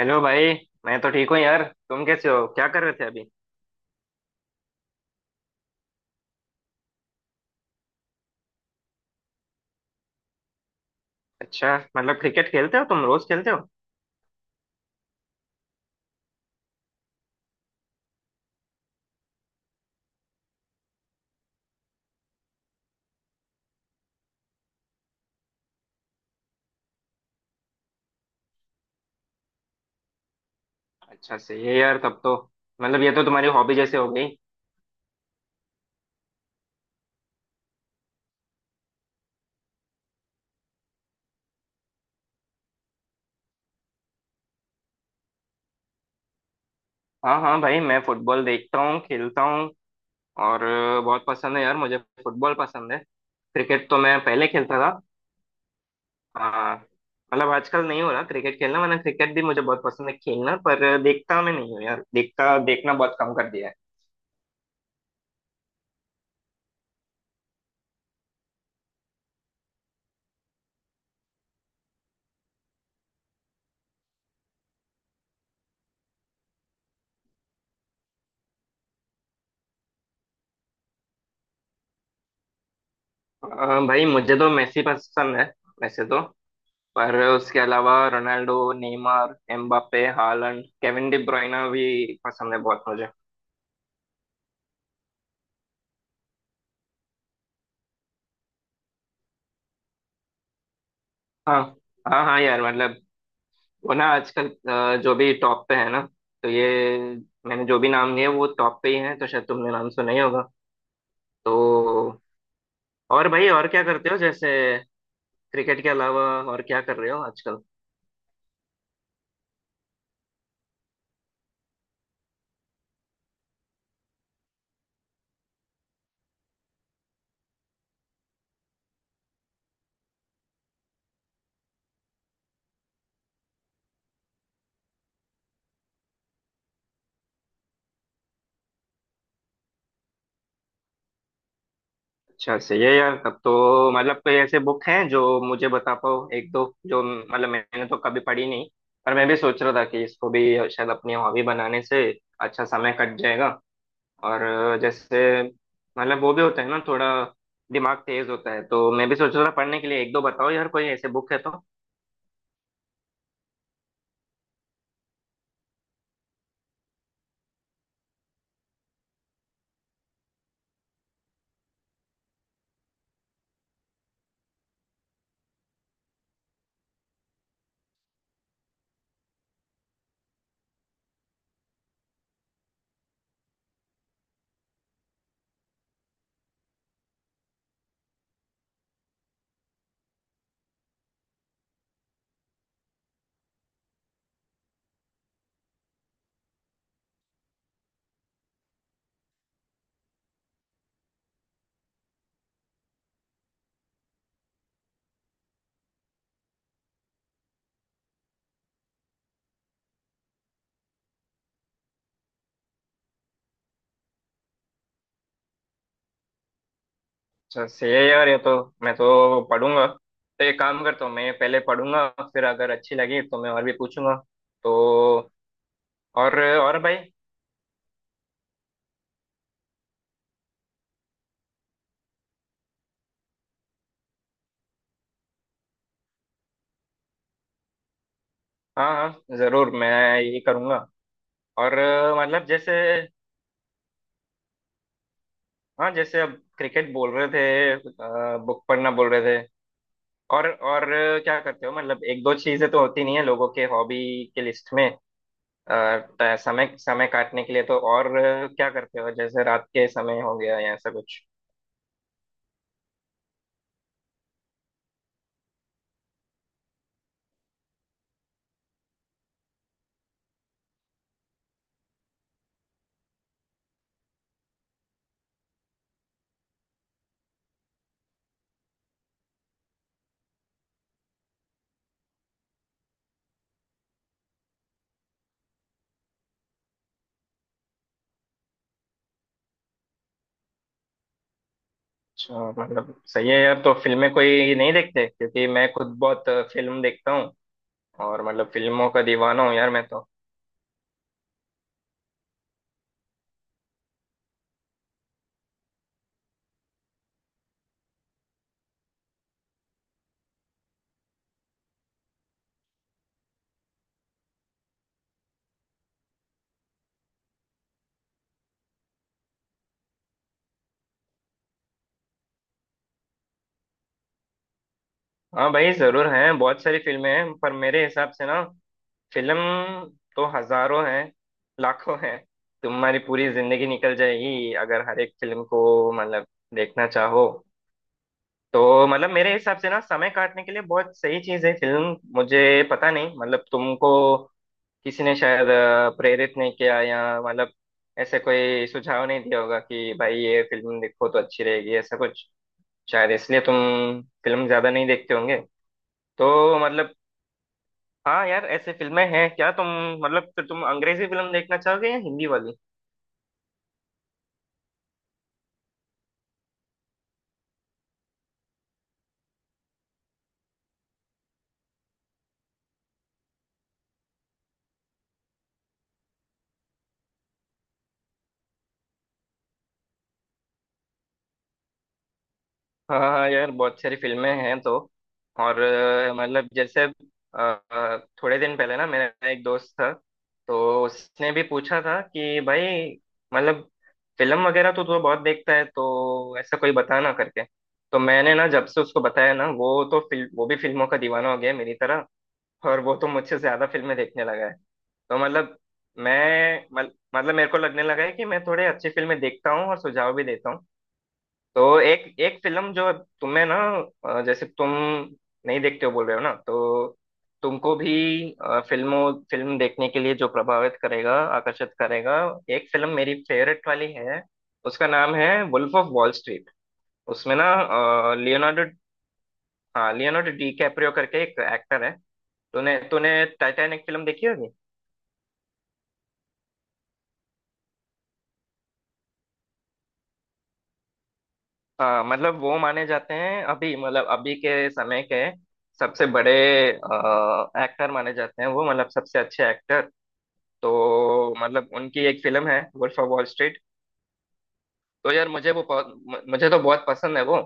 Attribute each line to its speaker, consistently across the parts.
Speaker 1: Hello भाई। मैं तो ठीक हूँ यार। तुम कैसे हो, क्या कर रहे थे अभी? अच्छा मतलब क्रिकेट खेलते हो, तुम रोज खेलते हो? अच्छा सही है यार, तब तो मतलब ये तो तुम्हारी हॉबी जैसे हो गई। हाँ हाँ भाई, मैं फुटबॉल देखता हूँ, खेलता हूँ। और बहुत पसंद है यार मुझे। फुटबॉल पसंद है। क्रिकेट तो मैं पहले खेलता था। हाँ, मतलब आजकल नहीं हो रहा क्रिकेट खेलना, वरना क्रिकेट भी मुझे बहुत पसंद है खेलना, पर देखता मैं नहीं हूँ यार, देखता देखना बहुत कम कर दिया है। भाई मुझे तो मेसी पसंद है वैसे तो। पर उसके अलावा Ronaldo, Neymar, Mbappe, Haaland, Kevin De Bruyne भी पसंद है बहुत मुझे। हाँ। हाँ हाँ यार, मतलब वो ना आजकल जो भी टॉप पे है ना, तो ये मैंने जो भी नाम लिए वो टॉप पे ही है, तो शायद तुमने नाम सुना ही होगा। तो और भाई, और क्या करते हो जैसे क्रिकेट के अलावा? और क्या कर रहे हो आजकल? अच्छा सही है यार, तब तो मतलब कोई ऐसे बुक हैं जो मुझे बता पाओ, एक दो जो, मतलब मैंने तो कभी पढ़ी नहीं, पर मैं भी सोच रहा था कि इसको भी शायद अपनी हॉबी बनाने से अच्छा समय कट जाएगा। और जैसे मतलब वो भी होता है ना थोड़ा दिमाग तेज होता है, तो मैं भी सोच रहा था पढ़ने के लिए, एक दो बताओ यार कोई ऐसे बुक है तो। अच्छा सही है यार ये तो। मैं तो पढ़ूंगा, तो एक काम करता हूँ, मैं पहले पढ़ूंगा, फिर अगर अच्छी लगी तो मैं और भी पूछूंगा। तो और भाई। हाँ हाँ जरूर, मैं ये करूँगा। और मतलब जैसे, हाँ, जैसे अब क्रिकेट बोल रहे थे, बुक पढ़ना बोल रहे थे, और क्या करते हो, मतलब एक दो चीजें तो होती नहीं है लोगों के हॉबी के लिस्ट में। अ, समय समय काटने के लिए तो और क्या करते हो, जैसे रात के समय हो गया या ऐसा कुछ? अच्छा, मतलब सही है यार। तो फिल्में कोई नहीं देखते, क्योंकि मैं खुद बहुत फिल्म देखता हूँ और मतलब फिल्मों का दीवाना हूँ यार मैं तो। हाँ भाई जरूर हैं, बहुत सारी फिल्में हैं, पर मेरे हिसाब से ना फिल्म तो हजारों हैं, लाखों हैं। तुम्हारी पूरी जिंदगी निकल जाएगी अगर हर एक फिल्म को मतलब देखना चाहो। तो मतलब मेरे हिसाब से ना समय काटने के लिए बहुत सही चीज है फिल्म मुझे। पता नहीं मतलब तुमको किसी ने शायद प्रेरित नहीं किया, या मतलब ऐसे कोई सुझाव नहीं दिया होगा कि भाई ये फिल्म देखो तो अच्छी रहेगी ऐसा कुछ, शायद इसलिए तुम फिल्म ज्यादा नहीं देखते होंगे। तो मतलब हाँ यार, ऐसे फिल्में हैं क्या? तुम मतलब, तो तुम अंग्रेजी फिल्म देखना चाहोगे या हिंदी वाली? हाँ हाँ यार, बहुत सारी फिल्में हैं तो। और मतलब जैसे, अ, थोड़े दिन पहले ना मेरा एक दोस्त था, तो उसने भी पूछा था कि भाई मतलब फिल्म वगैरह तो तू बहुत देखता है, तो ऐसा कोई बता ना करके। तो मैंने ना जब से उसको बताया ना, वो तो फिल्म, वो भी फिल्मों का दीवाना हो गया है मेरी तरह, और वो तो मुझसे ज्यादा फिल्में देखने लगा है। तो मतलब मतलब मेरे को लगने लगा है कि मैं थोड़े अच्छी फिल्में देखता हूँ और सुझाव भी देता हूँ। तो एक एक फिल्म जो तुम्हें ना जैसे तुम नहीं देखते हो बोल रहे हो ना, तो तुमको भी फिल्म देखने के लिए जो प्रभावित करेगा, आकर्षित करेगा, एक फिल्म मेरी फेवरेट वाली है। उसका नाम है वुल्फ ऑफ वॉल स्ट्रीट। उसमें ना लियोनार्डो, हाँ लियोनार्डो डी कैप्रियो करके एक एक्टर है। तूने तूने टाइटैनिक फिल्म देखी होगी। हाँ मतलब वो माने जाते हैं अभी, मतलब अभी के समय के सबसे बड़े एक्टर माने जाते हैं वो, मतलब सबसे अच्छे एक्टर। तो मतलब उनकी एक फिल्म है वुल्फ ऑफ वॉल स्ट्रीट। तो यार मुझे वो मुझे तो बहुत पसंद है वो।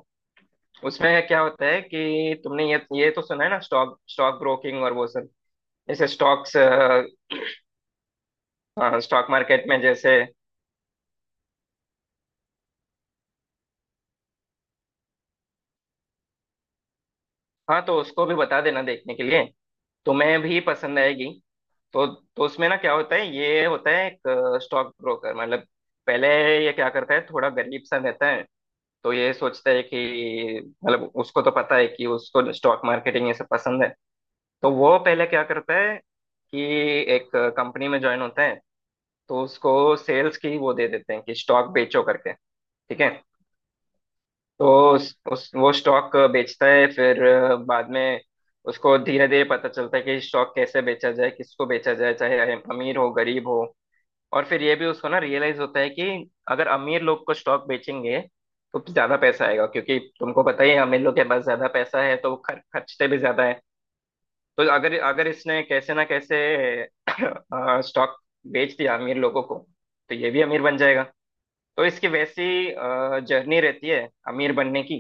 Speaker 1: उसमें क्या होता है कि तुमने ये तो सुना है ना, स्टॉक स्टॉक ब्रोकिंग और वो सब, जैसे स्टॉक्स, स्टॉक मार्केट में जैसे। हाँ, तो उसको भी बता देना देखने के लिए, तुम्हें भी पसंद आएगी। तो उसमें ना क्या होता है, ये होता है एक स्टॉक ब्रोकर। मतलब पहले ये क्या करता है, थोड़ा गरीब सा रहता है। तो ये सोचता है कि मतलब उसको तो पता है कि उसको स्टॉक मार्केटिंग ये सब पसंद है। तो वो पहले क्या करता है कि एक कंपनी में ज्वाइन होता है। तो उसको सेल्स की वो दे देते हैं कि स्टॉक बेचो करके, ठीक है। तो उस वो स्टॉक बेचता है, फिर बाद में उसको धीरे धीरे पता चलता है कि स्टॉक कैसे बेचा जाए, किसको बेचा जाए, चाहे अमीर हो गरीब हो। और फिर ये भी उसको ना रियलाइज होता है कि अगर अमीर लोग को स्टॉक बेचेंगे, तो ज्यादा पैसा आएगा, क्योंकि तुमको पता ही है अमीर लोग के पास ज्यादा पैसा है, तो वो खर्चते भी ज्यादा है। तो अगर अगर इसने कैसे ना कैसे स्टॉक बेच दिया अमीर लोगों को, तो ये भी अमीर बन जाएगा। तो इसकी वैसी जर्नी रहती है अमीर बनने की।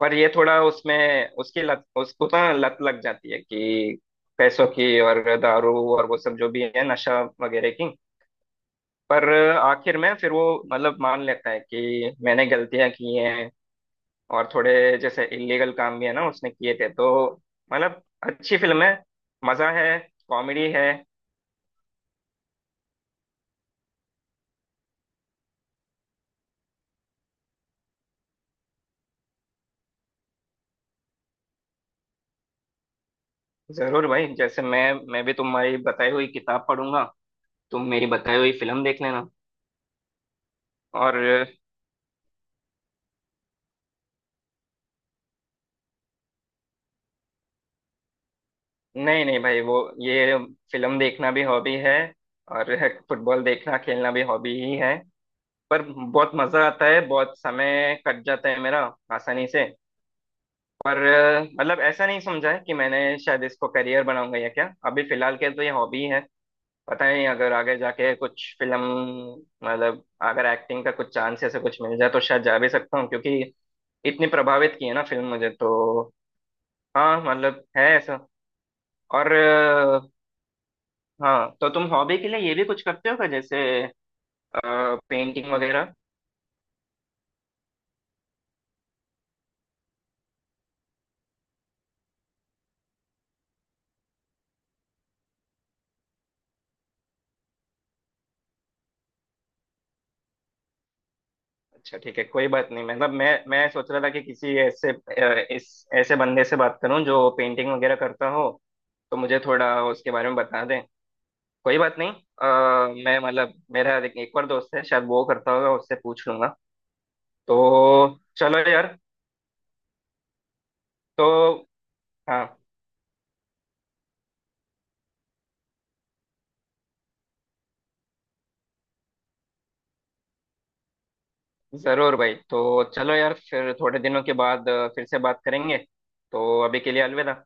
Speaker 1: पर ये थोड़ा उसमें उसकी लत, उसको ना लत लग जाती है कि पैसों की और दारू और वो सब जो भी है नशा वगैरह की। पर आखिर में फिर वो मतलब मान लेता है कि मैंने गलतियां की हैं, और थोड़े जैसे इलीगल काम भी है ना उसने किए थे तो मतलब। अच्छी फिल्म है, मजा है, कॉमेडी है। जरूर भाई, जैसे मैं भी तुम्हारी बताई हुई किताब पढ़ूंगा, तुम मेरी बताई हुई फिल्म देख लेना। और नहीं नहीं भाई, वो ये फिल्म देखना भी हॉबी है, और फुटबॉल देखना खेलना भी हॉबी ही है। पर बहुत मजा आता है, बहुत समय कट जाता है मेरा आसानी से। पर मतलब ऐसा नहीं समझा है कि मैंने शायद इसको करियर बनाऊंगा या क्या, अभी फिलहाल के तो ये हॉबी है। पता नहीं, अगर आगे जाके कुछ फिल्म, मतलब अगर एक्टिंग का कुछ चांस ऐसा कुछ मिल जाए तो शायद जा भी सकता हूँ, क्योंकि इतनी प्रभावित की है ना फिल्म मुझे तो। हाँ मतलब है ऐसा। और हाँ, तो तुम हॉबी के लिए ये भी कुछ करते हो क्या, जैसे पेंटिंग वगैरह? अच्छा ठीक है, कोई बात नहीं। मतलब मैं सोच रहा था कि किसी ऐसे इस ऐसे बंदे से बात करूं जो पेंटिंग वगैरह करता हो, तो मुझे थोड़ा उसके बारे में बता दें। कोई बात नहीं। मैं मतलब मेरा एक एक और दोस्त है शायद वो करता होगा, उससे पूछ लूंगा। तो चलो यार। तो हाँ जरूर भाई, तो चलो यार फिर थोड़े दिनों के बाद फिर से बात करेंगे। तो अभी के लिए अलविदा।